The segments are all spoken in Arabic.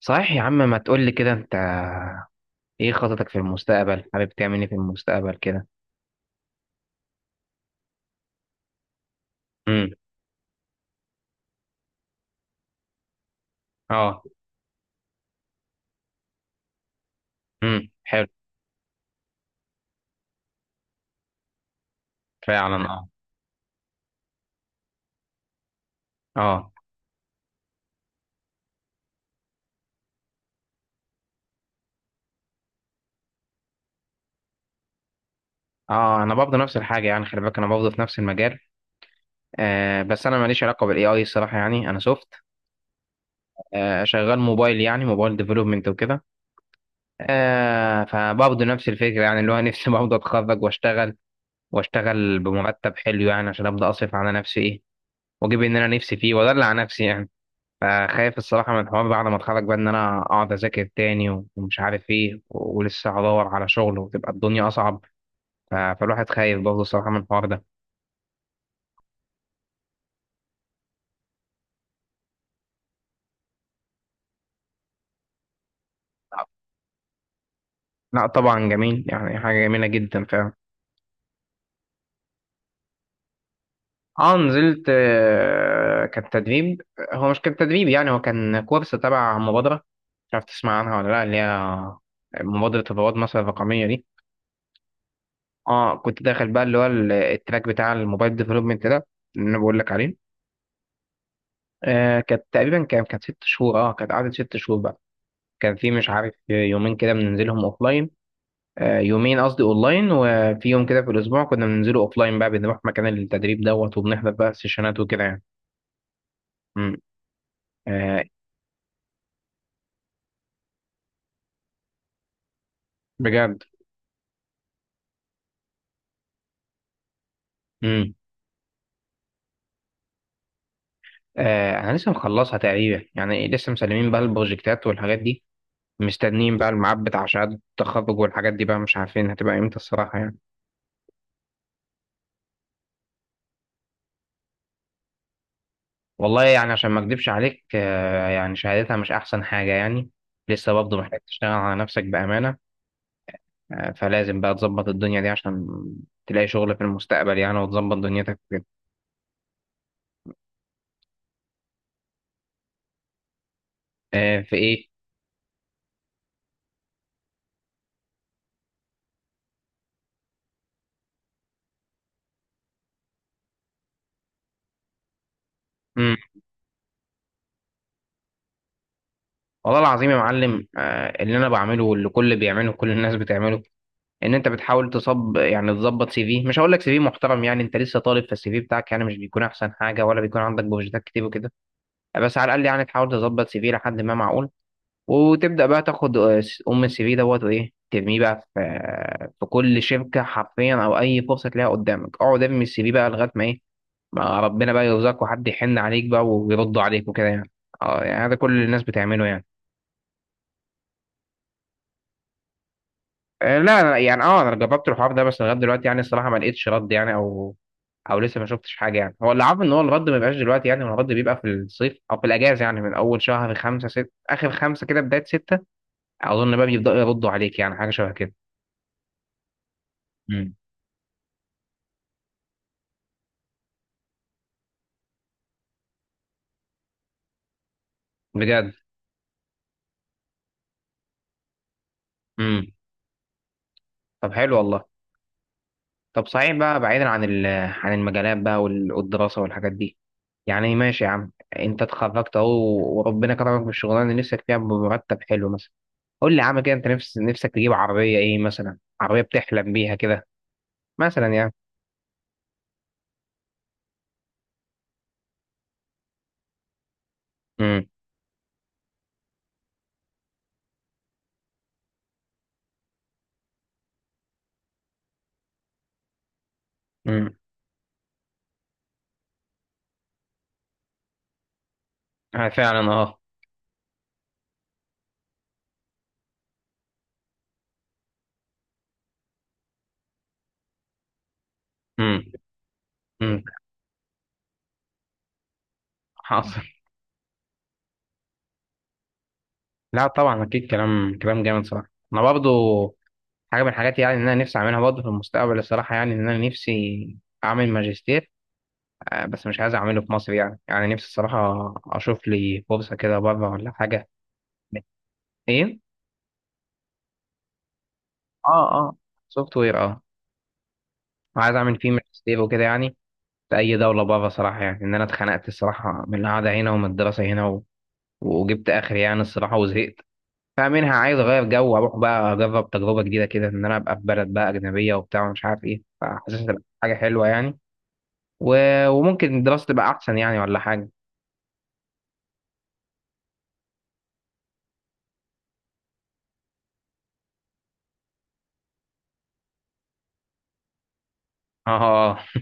صحيح يا عم، ما تقول لي كده انت؟ ايه خططك في المستقبل؟ حابب تعمل ايه في المستقبل كده؟ امم. اه. امم، حلو. فعلا، اه. اه. اه، انا برضه نفس الحاجه، يعني خلي بالك انا برضه في نفس المجال. بس انا ماليش علاقه بالاي اي الصراحه، يعني انا سوفت. شغال موبايل، يعني موبايل ديفلوبمنت وكده. فبرضه نفس الفكره، يعني اللي هو نفسي برضه اتخرج واشتغل بمرتب حلو، يعني عشان ابدا اصرف على نفسي، ايه، واجيب اللي انا نفسي فيه وادلع نفسي يعني. فخايف الصراحة من الحوار ده على ما اتخرج بقى، إن أنا أقعد أذاكر تاني ومش عارف إيه ولسه هدور على شغل، وتبقى الدنيا أصعب. فالواحد خايف برضه الصراحة من الحوار ده. لا، طبعا جميل، يعني حاجة جميلة جدا فعلا. اه، نزلت. كان تدريب. هو مش كان تدريب، يعني هو كان كورس تبع مبادرة، مش عارف تسمع عنها ولا لا، اللي هي مبادرة رواد مصر الرقمية دي. اه، كنت داخل بقى اللي هو التراك بتاع الموبايل ديفلوبمنت ده، اللي انا بقول لك عليه. كانت تقريبا كانت 6 شهور. اه، كانت قعدت 6 شهور بقى. كان في مش عارف يومين كده بننزلهم اوفلاين. يومين قصدي اونلاين، وفي يوم كده في الاسبوع كنا بننزله اوفلاين بقى، بنروح مكان التدريب دوت وبنحضر بقى سيشنات وكده يعني. امم. آه. بجد. امم. آه، انا لسه مخلصها تقريبا يعني، لسه مسلمين بقى البروجكتات والحاجات دي، مستنيين بقى الميعاد بتاع شهادة التخرج والحاجات دي بقى، مش عارفين هتبقى امتى الصراحة يعني. والله يعني عشان ما اكدبش عليك، يعني شهادتها مش احسن حاجه يعني. لسه برضه محتاج تشتغل على نفسك بامانه. فلازم بقى تظبط الدنيا دي عشان تلاقي شغل في المستقبل يعني، وتظبط دنيتك كده. في ايه؟ امم. والله العظيم يا معلم، اللي انا بعمله واللي كل بيعمله كل الناس بتعمله، ان انت بتحاول تصب يعني تظبط سي في. مش هقول لك سي في محترم، يعني انت لسه طالب، فالسي في بتاعك يعني مش بيكون احسن حاجه، ولا بيكون عندك بروجكتات كتير وكده. بس على الاقل يعني تحاول تظبط سي في لحد ما معقول، وتبدأ بقى تاخد أم السي في دوت وإيه، ترميه بقى في، في كل شركة حرفيا، أو أي فرصة تلاقيها قدامك اقعد ارمي السي في بقى لغاية ما إيه، ما ربنا بقى يرزقك، وحد يحن عليك بقى ويرد عليك وكده يعني. اه يعني، هذا كل الناس بتعمله يعني. لا، لا، يعني اه انا جربت الحوار ده، بس لغايه دلوقتي يعني الصراحه ما لقيتش رد، يعني او لسه ما شفتش حاجه، يعني هو اللي عارف ان هو الرد ما بيبقاش دلوقتي، يعني الرد بيبقى في الصيف او في الاجازه، يعني من اول شهر خمسة ست اخر خمسة كده بدايه ستة، اظن بقى بيبداوا يردوا عليك، يعني حاجه شبه كده. بجد. امم. طب حلو والله. طب صحيح بقى، بعيدا عن عن المجالات بقى والدراسه والحاجات دي، يعني ماشي يا عم، انت اتخرجت اهو، وربنا كرمك بالشغلانه اللي نفسك فيها بمرتب حلو مثلا، قول لي يا عم كده، انت نفسك تجيب عربيه ايه مثلا؟ عربيه بتحلم بيها كده مثلا يعني؟ امم. امم. فعلا، اه. امم. امم. حاصل. لا طبعا، اكيد كلام كلام جامد صراحه. انا برضو حاجه من الحاجات، يعني ان انا نفسي اعملها برضو في المستقبل الصراحه، يعني ان انا نفسي اعمل ماجستير. بس مش عايز اعمله في مصر يعني نفسي الصراحة اشوف لي فرصة كده بره ولا حاجة. ايه؟ اه، اه. سوفت وير، اه. عايز اعمل فيه ماجستير وكده يعني، في اي دولة بره صراحة، يعني ان انا اتخنقت الصراحة من القعدة هنا ومن الدراسة هنا وجبت اخري يعني الصراحة، وزهقت. فمنها عايز اغير جو، واروح بقى اجرب تجربة جديدة كده، ان انا ابقى في بلد بقى اجنبية وبتاع ومش عارف ايه، فحاسس هتبقى حاجة حلوة يعني، و... وممكن الدراسة تبقى احسن يعني، ولا حاجة. اه. اه. آه.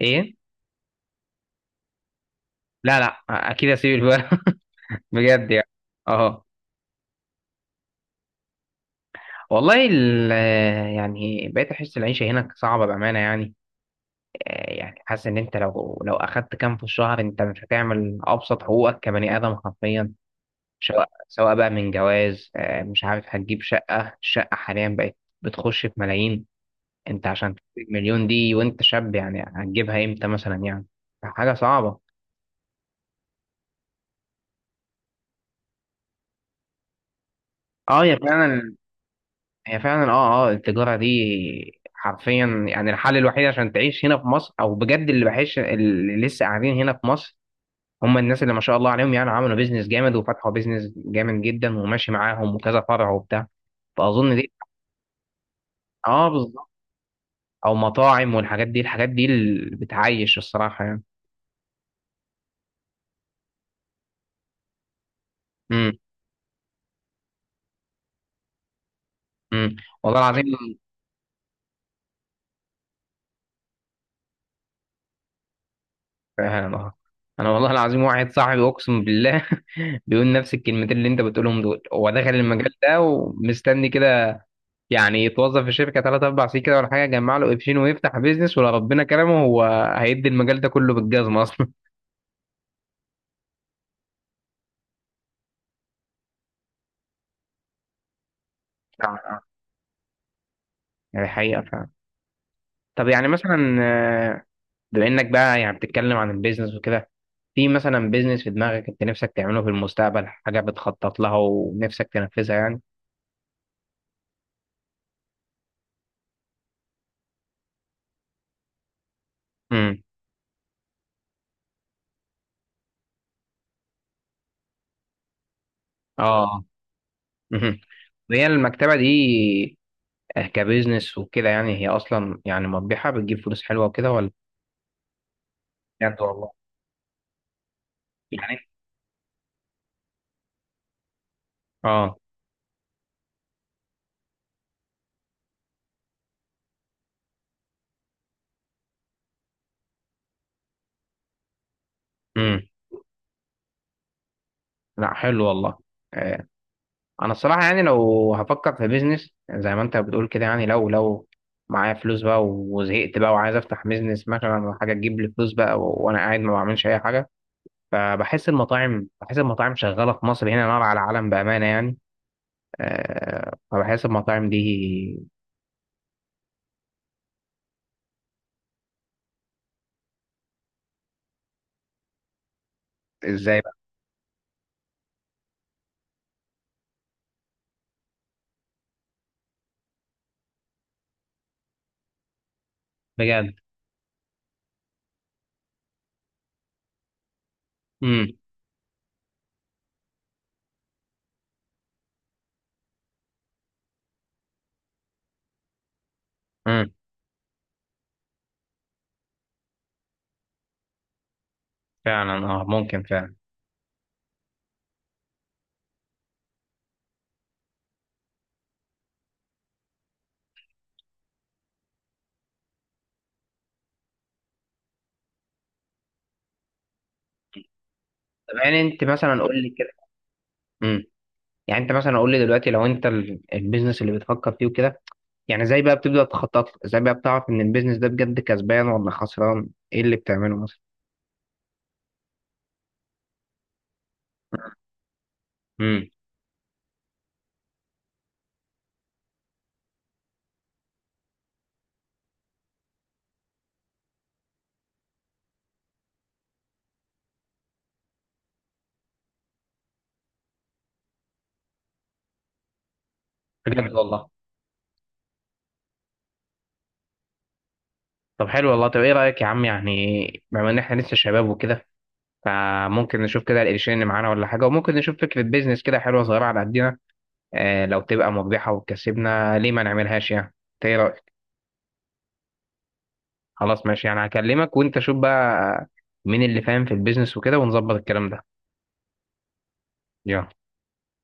ايه؟ لا، لا، اكيد اسيب. بجد يعني. اه. والله، يعني بقيت احس العيشه هناك صعبه بامانه يعني. يعني حاسس ان انت لو اخدت كام في الشهر انت مش هتعمل ابسط حقوقك كبني ادم حرفيا، سواء بقى من جواز، مش عارف هتجيب شقه، الشقه حاليا بقت بتخش في ملايين. انت عشان تجيب مليون دي وانت شاب، يعني هتجيبها امتى مثلا يعني؟ حاجه صعبه. اه يا، فعلا. هي فعلا، اه، اه، التجارة دي حرفيا يعني الحل الوحيد عشان تعيش هنا في مصر، او بجد اللي بحس اللي لسه قاعدين هنا في مصر هم الناس اللي ما شاء الله عليهم، يعني عملوا بيزنس جامد وفتحوا بيزنس جامد جدا وماشي معاهم وكذا فرع وبتاع، فاظن دي. اه بالظبط. او مطاعم والحاجات دي، الحاجات دي اللي بتعيش الصراحة يعني. امم. امم. والله العظيم. فعلا. آه. انا والله العظيم واحد صاحبي اقسم بالله بيقول نفس الكلمتين اللي انت بتقولهم دول. هو دخل المجال ده ومستني كده، يعني يتوظف في شركه 3 4 سنين كده ولا حاجه، يجمع له قرشين ويفتح بيزنس، ولا ربنا كرمه هو هيدي المجال ده كله بالجزمه اصلا آه. آه. يعني حقيقه فعلا. طب يعني مثلا، بما انك بقى يعني بتتكلم عن البيزنس وكده، في مثلا بيزنس في دماغك انت نفسك تعمله في المستقبل؟ حاجه بتخطط لها ونفسك تنفذها يعني؟ امم. اه. مهم. وهي المكتبه دي كبيزنس وكده يعني، هي اصلا يعني مربحه؟ بتجيب فلوس حلوه وكده ولا؟ بجد والله. يعني اه. امم. لا، حلو والله. آه، انا الصراحه يعني لو هفكر في بيزنس زي ما انت بتقول كده، يعني لو معايا فلوس بقى وزهقت بقى وعايز افتح بيزنس مثلا، ولا حاجه تجيب لي فلوس بقى وانا قاعد ما بعملش اي حاجه. فبحس المطاعم شغاله في مصر هنا نار على العالم بامانه يعني. أه، فبحس المطاعم دي. ازاي بقى؟ بجد. امم. امم. فعلا، اه، ممكن فعلا. طب يعني انت مثلا قول لي كده. امم. يعني انت مثلا قول لي دلوقتي، لو انت البيزنس اللي بتفكر فيه وكده، يعني زي بقى بتبدأ تخطط له ازاي؟ بقى بتعرف ان البيزنس ده بجد كسبان ولا خسران؟ ايه اللي بتعمله مثلا؟ امم. بجد والله. طب حلو والله. طب ايه رايك يا عم، يعني بما ان احنا لسه شباب وكده، فممكن نشوف كده القرشين اللي معانا ولا حاجه، وممكن نشوف فكره بيزنس كده حلوه صغيره على قدنا، آه لو تبقى مربحه وتكسبنا ليه ما نعملهاش يعني؟ إنت ايه رايك؟ خلاص ماشي يعني. هكلمك وانت شوف بقى مين اللي فاهم في البيزنس وكده، ونظبط الكلام ده. يلا.